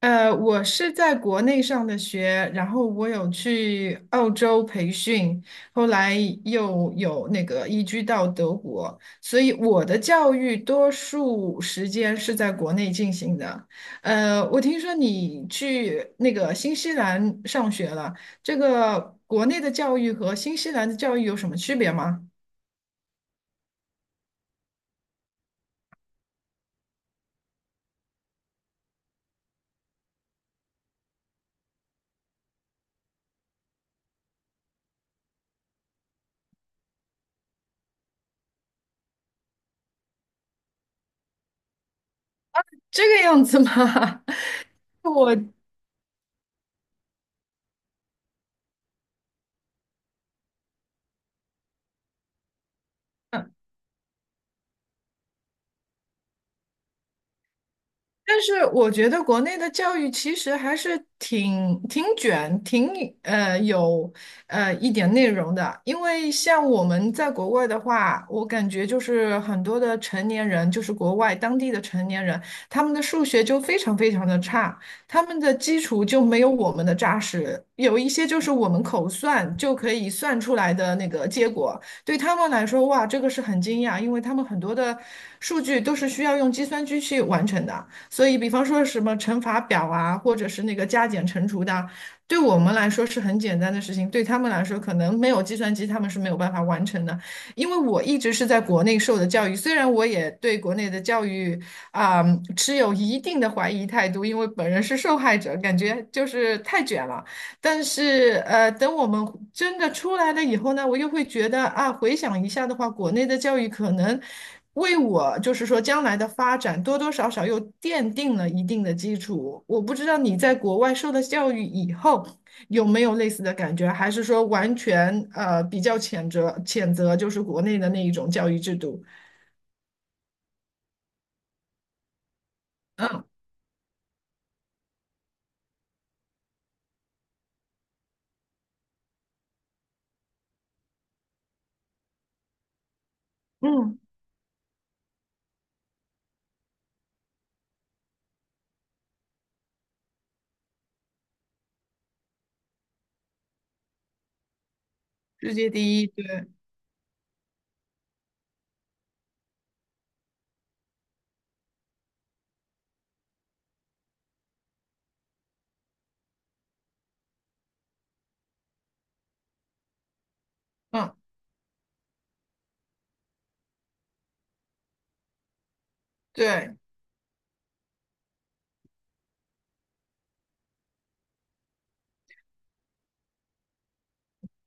我是在国内上的学，然后我有去澳洲培训，后来又有那个移居到德国，所以我的教育多数时间是在国内进行的。我听说你去那个新西兰上学了，这个国内的教育和新西兰的教育有什么区别吗？这个样子吗？我。但是我觉得国内的教育其实还是挺卷、挺有一点内容的，因为像我们在国外的话，我感觉就是很多的成年人，就是国外当地的成年人，他们的数学就非常非常的差，他们的基础就没有我们的扎实，有一些就是我们口算就可以算出来的那个结果，对他们来说，哇，这个是很惊讶，因为他们很多的数据都是需要用计算机去完成的。所以，比方说什么乘法表啊，或者是那个加减乘除的啊，对我们来说是很简单的事情，对他们来说可能没有计算机，他们是没有办法完成的。因为我一直是在国内受的教育，虽然我也对国内的教育啊，持有一定的怀疑态度，因为本人是受害者，感觉就是太卷了。但是等我们真的出来了以后呢，我又会觉得啊，回想一下的话，国内的教育可能为我就是说将来的发展多多少少又奠定了一定的基础。我不知道你在国外受了教育以后有没有类似的感觉，还是说完全比较谴责谴责就是国内的那一种教育制度？嗯嗯，世界第一，对，嗯对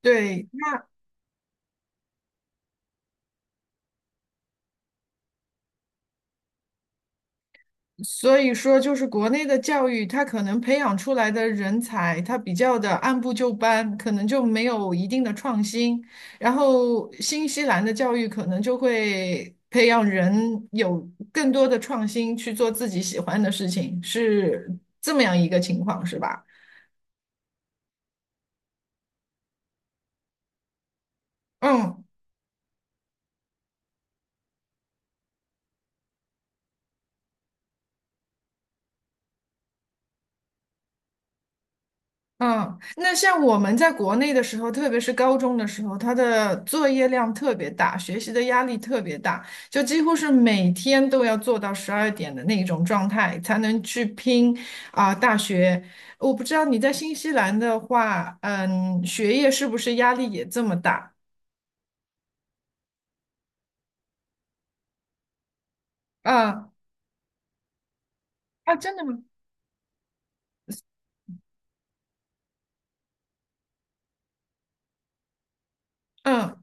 对。所以说，就是国内的教育，它可能培养出来的人才，它比较的按部就班，可能就没有一定的创新。然后，新西兰的教育可能就会培养人有更多的创新，去做自己喜欢的事情，是这么样一个情况，是吧？嗯。嗯，那像我们在国内的时候，特别是高中的时候，他的作业量特别大，学习的压力特别大，就几乎是每天都要做到12点的那种状态，才能去拼啊、大学。我不知道你在新西兰的话，嗯，学业是不是压力也这么大？嗯，啊，真的吗？嗯，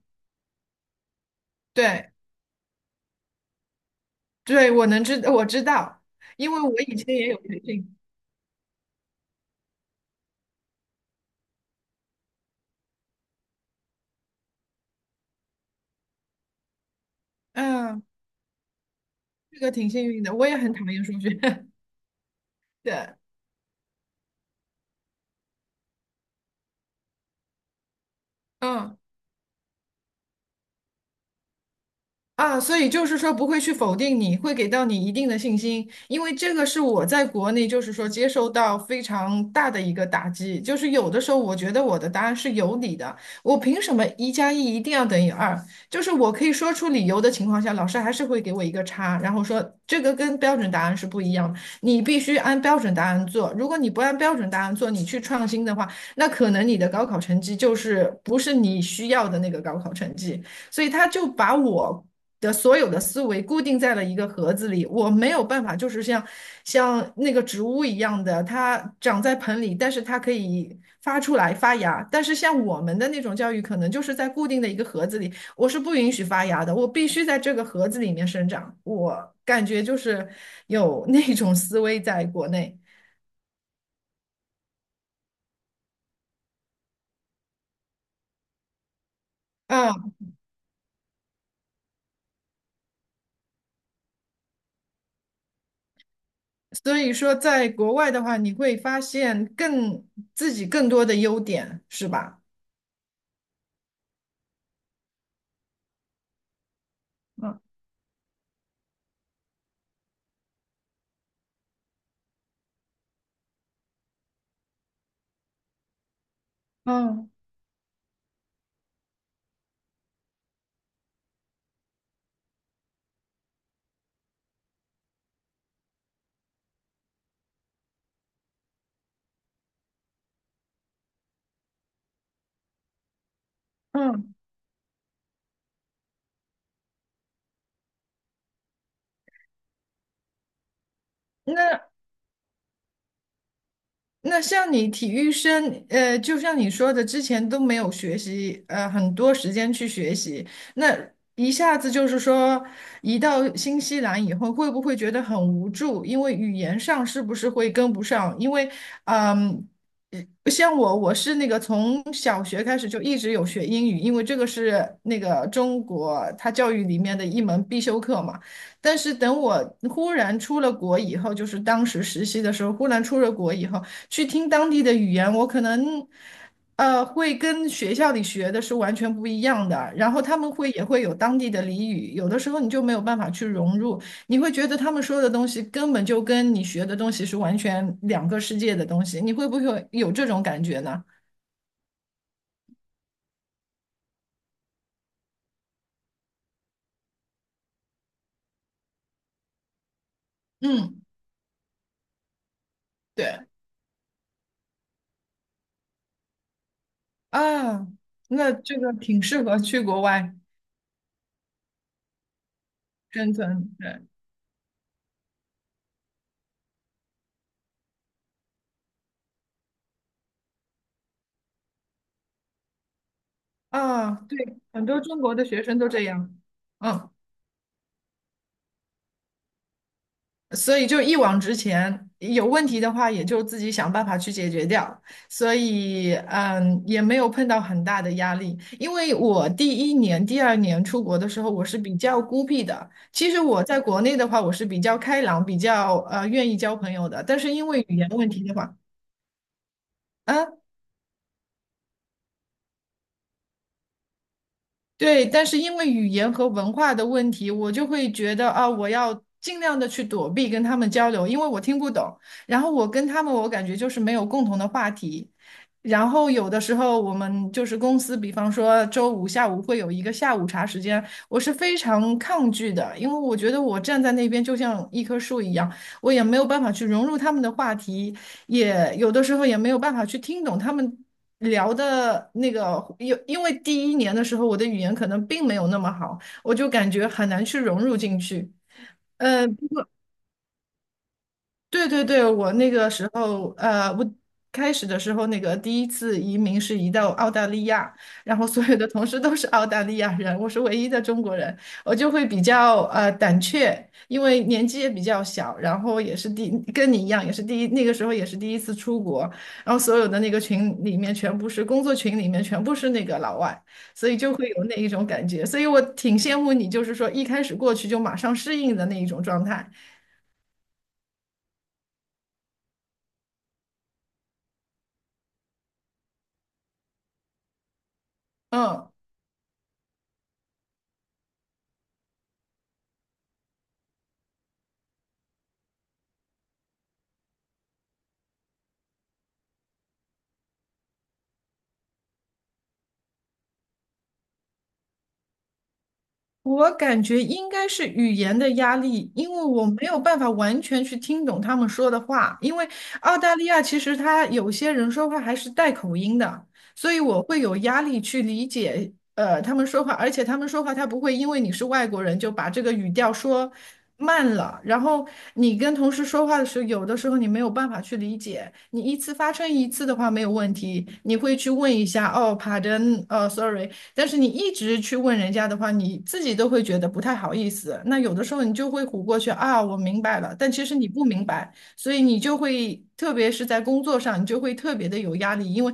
对对，我知道，因为我以前也有培训，嗯，这个挺幸运的，我也很讨厌数学，对，嗯。啊，所以就是说不会去否定你，会给到你一定的信心，因为这个是我在国内就是说接受到非常大的一个打击，就是有的时候我觉得我的答案是有理的，我凭什么一加一一定要等于二？就是我可以说出理由的情况下，老师还是会给我一个差，然后说这个跟标准答案是不一样的，你必须按标准答案做，如果你不按标准答案做，你去创新的话，那可能你的高考成绩就是不是你需要的那个高考成绩。所以他就把我的所有的思维固定在了一个盒子里，我没有办法，就是像那个植物一样的，它长在盆里，但是它可以发出来发芽。但是像我们的那种教育，可能就是在固定的一个盒子里，我是不允许发芽的，我必须在这个盒子里面生长。我感觉就是有那种思维在国内。嗯，所以说在国外的话，你会发现自己更多的优点，是吧？嗯嗯。嗯，那那像你体育生，就像你说的，之前都没有学习，很多时间去学习，那一下子就是说，移到新西兰以后，会不会觉得很无助？因为语言上是不是会跟不上？因为，嗯，呃像我，我是那个从小学开始就一直有学英语，因为这个是那个中国它教育里面的一门必修课嘛。但是等我忽然出了国以后，就是当时实习的时候，忽然出了国以后。去听当地的语言，我可能会跟学校里学的是完全不一样的。然后他们也会有当地的俚语，有的时候你就没有办法去融入，你会觉得他们说的东西根本就跟你学的东西是完全两个世界的东西。你会不会有这种感觉呢？嗯，对啊，那这个挺适合去国外生存，对啊，对，很多中国的学生都这样，嗯。所以就一往直前，有问题的话也就自己想办法去解决掉。所以，也没有碰到很大的压力。因为我第一年、第二年出国的时候，我是比较孤僻的。其实我在国内的话，我是比较开朗，比较愿意交朋友的。但是因为语言问题的话，啊。对，但是因为语言和文化的问题，我就会觉得啊，我要尽量的去躲避跟他们交流，因为我听不懂。然后我跟他们，我感觉就是没有共同的话题。然后有的时候我们就是公司，比方说周五下午会有一个下午茶时间，我是非常抗拒的，因为我觉得我站在那边就像一棵树一样，我也没有办法去融入他们的话题，也有的时候也没有办法去听懂他们。聊的那个，因为第一年的时候我的语言可能并没有那么好，我就感觉很难去融入进去。呃对对对，我那个时候，我开始的时候，那个第一次移民是移到澳大利亚，然后所有的同事都是澳大利亚人，我是唯一的中国人，我就会比较胆怯，因为年纪也比较小，然后也是跟你一样，也是那个时候也是第一次出国，然后所有的那个群里面全部是工作群里面全部是那个老外，所以就会有那一种感觉，所以我挺羡慕你，就是说一开始过去就马上适应的那一种状态，嗯。我感觉应该是语言的压力，因为我没有办法完全去听懂他们说的话。因为澳大利亚其实他有些人说话还是带口音的，所以我会有压力去理解他们说话，而且他们说话他不会因为你是外国人就把这个语调说慢了，然后你跟同事说话的时候，有的时候你没有办法去理解。你一次发生一次的话没有问题，你会去问一下哦，pardon，sorry。但是你一直去问人家的话，你自己都会觉得不太好意思。那有的时候你就会唬过去啊，我明白了，但其实你不明白，所以你就会，特别是在工作上，你就会特别的有压力，因为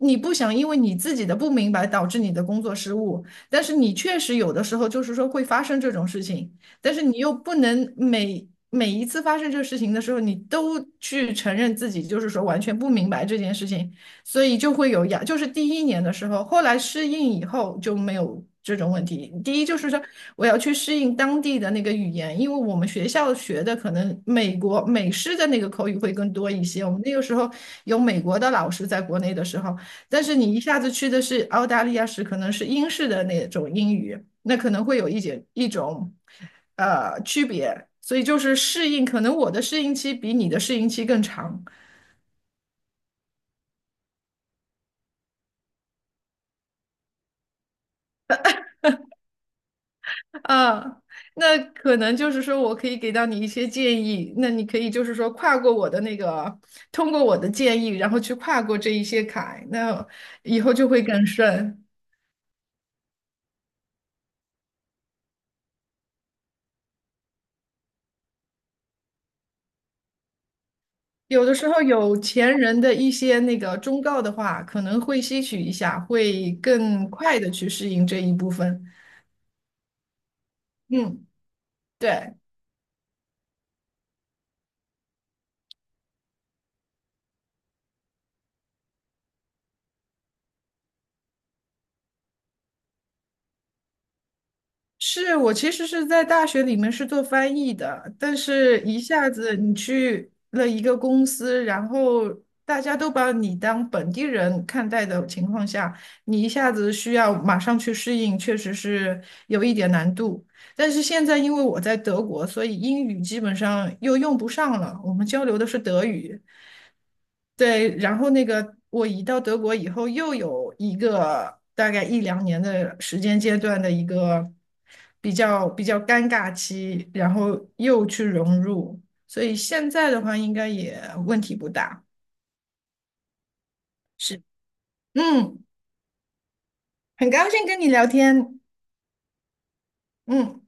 你不想因为你自己的不明白导致你的工作失误，但是你确实有的时候就是说会发生这种事情，但是你又不能。每一次发生这个事情的时候，你都去承认自己就是说完全不明白这件事情，所以就会就是第一年的时候，后来适应以后就没有这种问题。第一就是说，我要去适应当地的那个语言，因为我们学校学的可能美式的那个口语会更多一些。我们那个时候有美国的老师在国内的时候，但是你一下子去的是澳大利亚时，可能是英式的那种英语，那可能会有一种区别。所以就是适应，可能我的适应期比你的适应期更长。啊，那可能就是说我可以给到你一些建议，那你可以就是说跨过我的那个，通过我的建议，然后去跨过这一些坎，那以后就会更顺。有的时候有钱人的一些那个忠告的话，可能会吸取一下，会更快的去适应这一部分。嗯，对。是我其实是在大学里面是做翻译的，但是一下子你去了一个公司，然后大家都把你当本地人看待的情况下，你一下子需要马上去适应，确实是有一点难度。但是现在因为我在德国，所以英语基本上又用不上了，我们交流的是德语。对，然后那个我移到德国以后，又有一个大概一两年的时间阶段的一个比较尴尬期，然后又去融入，所以现在的话应该也问题不大。是，嗯，很高兴跟你聊天。嗯。